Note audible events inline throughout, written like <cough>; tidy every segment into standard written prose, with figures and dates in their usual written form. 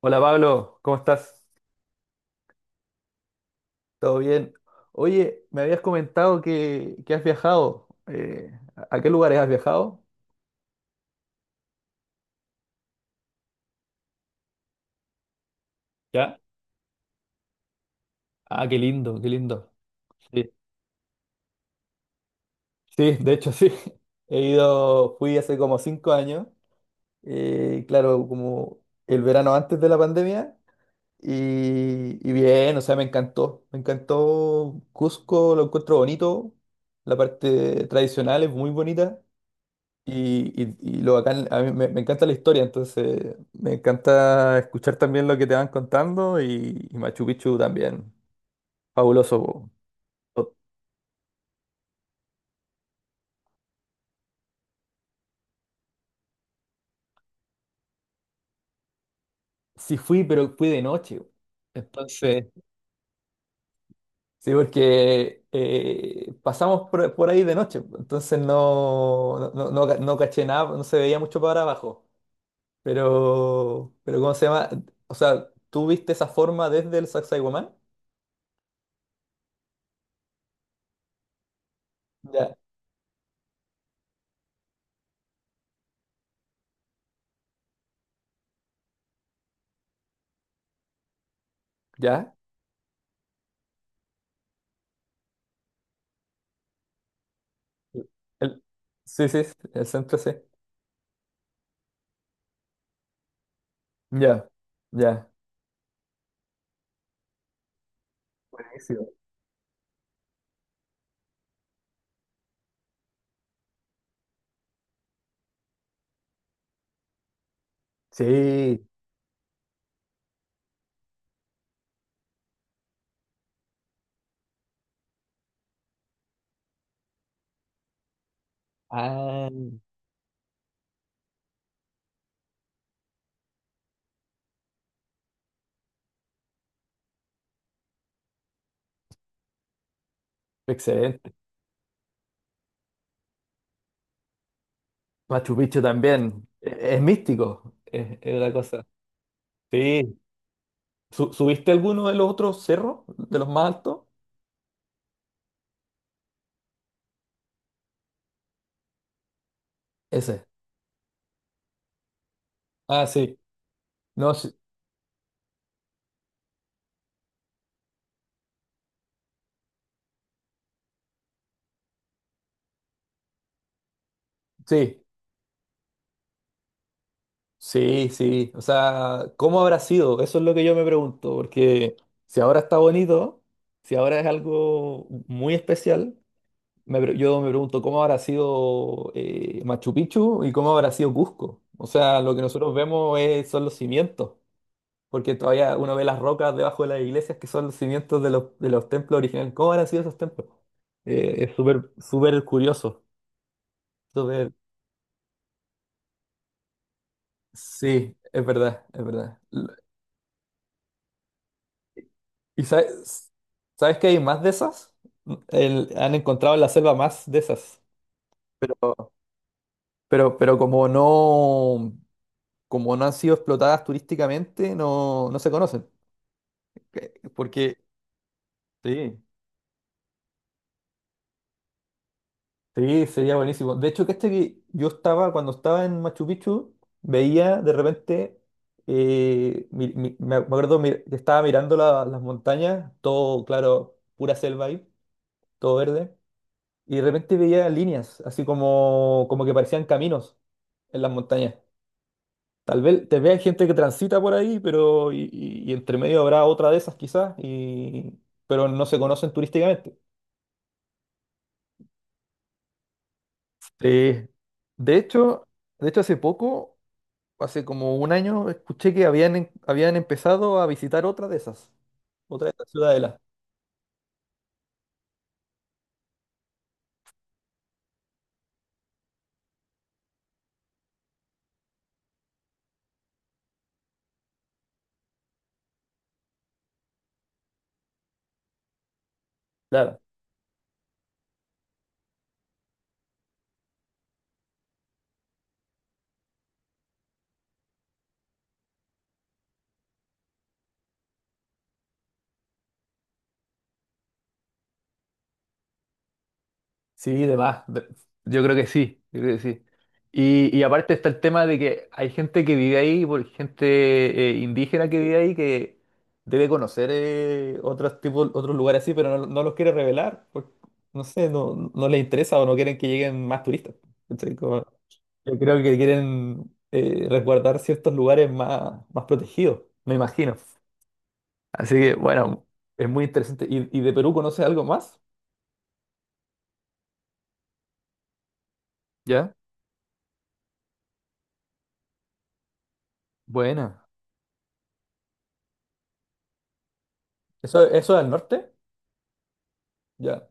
Hola Pablo, ¿cómo estás? ¿Todo bien? Oye, me habías comentado que has viajado. ¿A qué lugares has viajado? ¿Ya? Ah, qué lindo, qué lindo. Sí. Sí, de hecho sí. <laughs> He ido, fui hace como 5 años, claro, como el verano antes de la pandemia, y bien, o sea, me encantó Cusco, lo encuentro bonito, la parte tradicional es muy bonita. Y lo bacán, a mí me encanta la historia, entonces me encanta escuchar también lo que te van contando y Machu Picchu también, fabuloso, po. O- Sí fui, pero fui de noche, po. Entonces, sí, porque pasamos por ahí de noche, po, entonces no caché nada, no se veía mucho para abajo. Pero ¿cómo se llama? O sea, ¿tú viste esa forma desde el Sacsayhuamán? Ya. ¿Ya? El- sí, sí, el centro sí. Ya, ya. Buenísimo. Sí. Ah, excelente. Machu Picchu también. Es místico, es la cosa. Sí. ¿Subiste alguno de los otros cerros, de los más altos? Ese. Ah, sí. No, sí, sí, sí, sí. O sea, ¿cómo habrá sido? Eso es lo que yo me pregunto, porque si ahora está bonito, si ahora es algo muy especial. Yo me pregunto cómo habrá sido Machu Picchu y cómo habrá sido Cusco. O sea, lo que nosotros vemos son los cimientos, porque todavía uno ve las rocas debajo de las iglesias que son los cimientos de los templos originales. ¿Cómo habrán sido esos templos? Es súper, súper curioso. Súper... Sí, es verdad, es verdad. ¿Y sabes, sabes que hay más de esas? Han encontrado en la selva más de esas. Pero, pero como no, como no han sido explotadas turísticamente, no, no se conocen. Porque sí, sí, sería buenísimo. De hecho, que este que yo estaba, cuando estaba en Machu Picchu, veía de repente, me acuerdo que estaba mirando las montañas, todo, claro, pura selva ahí, todo verde, y de repente veía líneas, así como, como que parecían caminos en las montañas. Tal vez te vea gente que transita por ahí, pero y, y entre medio habrá otra de esas quizás, y pero no se conocen turísticamente. Sí. De hecho, de hecho hace poco, hace como un año, escuché que habían empezado a visitar otra de esas. Otra de esas ciudadelas. Claro. Sí, de más. Yo creo que sí, yo creo que sí. Y aparte está el tema de que hay gente que vive ahí, por gente indígena que vive ahí, que debe conocer otros tipos, otros lugares así, pero no, no los quiere revelar, porque no sé, no, no les interesa o no quieren que lleguen más turistas. ¿Cachai? Yo creo que quieren resguardar ciertos lugares más, más protegidos, me imagino. Así que, bueno, es muy interesante. Y de Perú conoces algo más? ¿Ya? Buena. ¿Eso, eso es al norte? Ya.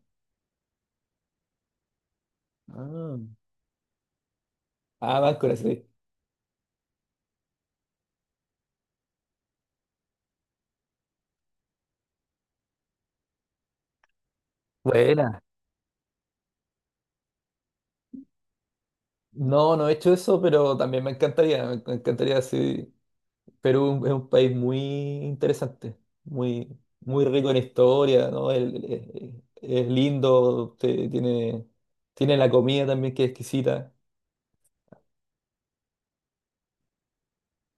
Ah, Ah, Máscara, sí. Buena. No, no he hecho eso, pero también me encantaría, me encantaría, sí. Perú es un país muy interesante, muy, muy rico en historia, ¿no? Es lindo, tiene, tiene la comida también que es exquisita.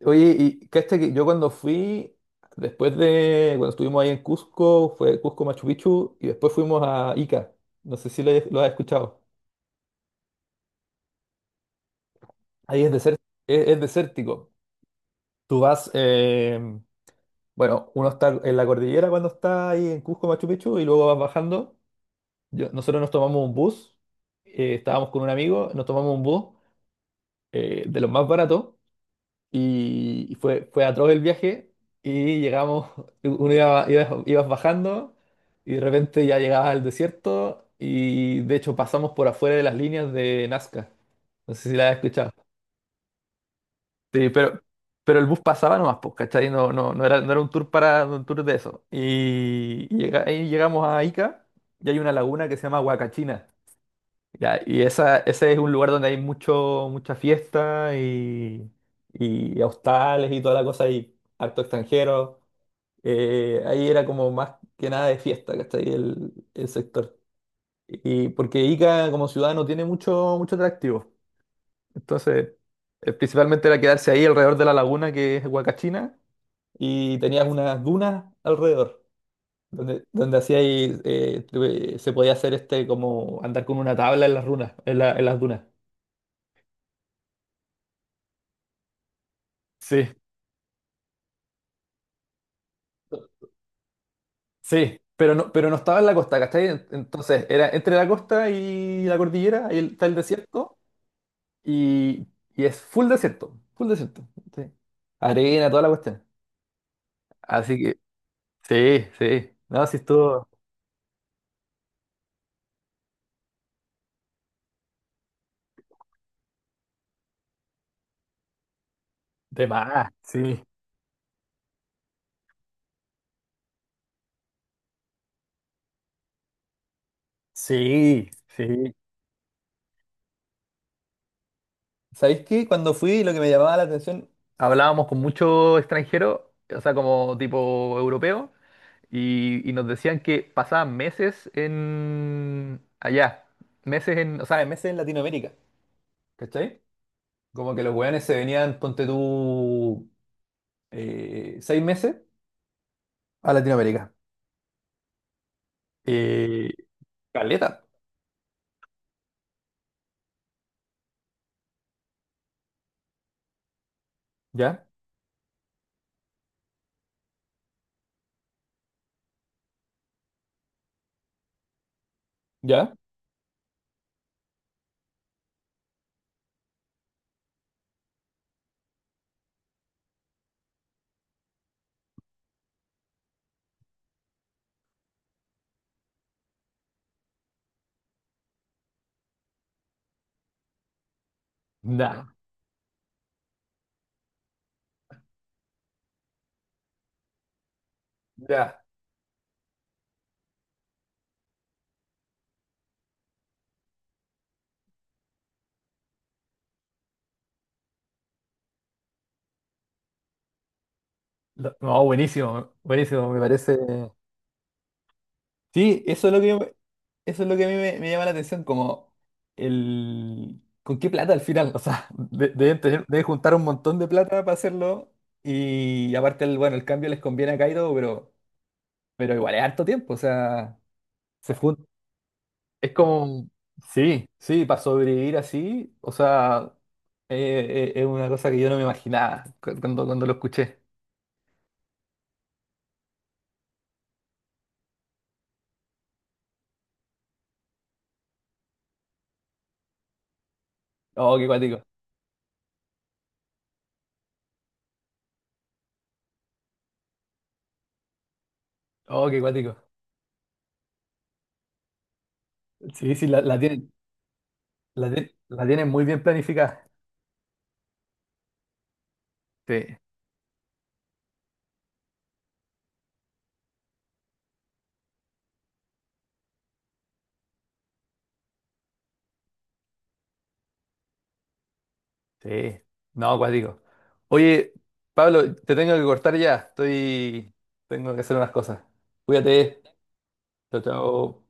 Oye, y cacha que yo cuando fui, después de, cuando estuvimos ahí en Cusco, fue Cusco Machu Picchu, y después fuimos a Ica. No sé si lo, lo has escuchado. Ahí es desértico, es desértico. Tú vas, bueno, uno está en la cordillera cuando está ahí en Cusco, Machu Picchu, y luego vas bajando. Nosotros nos tomamos un bus, estábamos con un amigo, nos tomamos un bus de los más baratos, y fue, fue atroz el viaje, y llegamos, <laughs> uno iba, ibas bajando, y de repente ya llegabas al desierto, y de hecho pasamos por afuera de las líneas de Nazca. No sé si la has escuchado. Sí, pero el bus pasaba nomás, pues, ¿cachai? No era, no era un tour para un tour de eso. Y ahí llegamos a Ica y hay una laguna que se llama Huacachina. Ya, y esa, ese es un lugar donde hay mucho, mucha fiesta y hostales y toda la cosa y acto extranjero. Ahí era como más que nada de fiesta, ¿cachai? El sector. Y porque Ica como ciudad no tiene mucho, mucho atractivo. Entonces, principalmente era quedarse ahí alrededor de la laguna que es Huacachina y tenías unas dunas alrededor, donde, donde hacía ahí, se podía hacer este como andar con una tabla en las runas, en en las dunas. Sí, sí, pero no estaba en la costa, ¿cachai? Entonces, era entre la costa y la cordillera, ahí está el desierto y, y es full desierto, full desierto. Sí. Arena, toda la cuestión. Así que, sí, sí, no, sí estuvo de más, sí. Sí, sí. ¿Sabéis qué? Cuando fui, lo que me llamaba la atención, hablábamos con muchos extranjeros, o sea, como tipo europeo, y nos decían que pasaban meses en allá, meses en, o sea, ¿sabes? Meses en Latinoamérica, ¿cachai? Como que los weones se venían, ponte tú, 6 meses a Latinoamérica. Eh, caleta, ¿ya? ¿Ya? Nah. Ya. No, buenísimo, buenísimo, me parece. Sí, eso es lo que, eso es lo que a mí me llama la atención, como el... ¿Con qué plata al final? <laughs> O sea, deben juntar un montón de plata para hacerlo y aparte, el, bueno, el cambio les conviene a Kaido, pero igual es harto tiempo, o sea, se jun- Es como... Sí, sí, para sobrevivir así, o sea, es una cosa que yo no me imaginaba cuando lo escuché. Oh, qué cuático, oh, qué cuático. Sí, sí, la, la tienen muy bien planificada. Sí. Sí, no, acuático. Oye, Pablo, te tengo que cortar ya. Estoy. Tengo que hacer unas cosas. Cuídate. Chao, chao.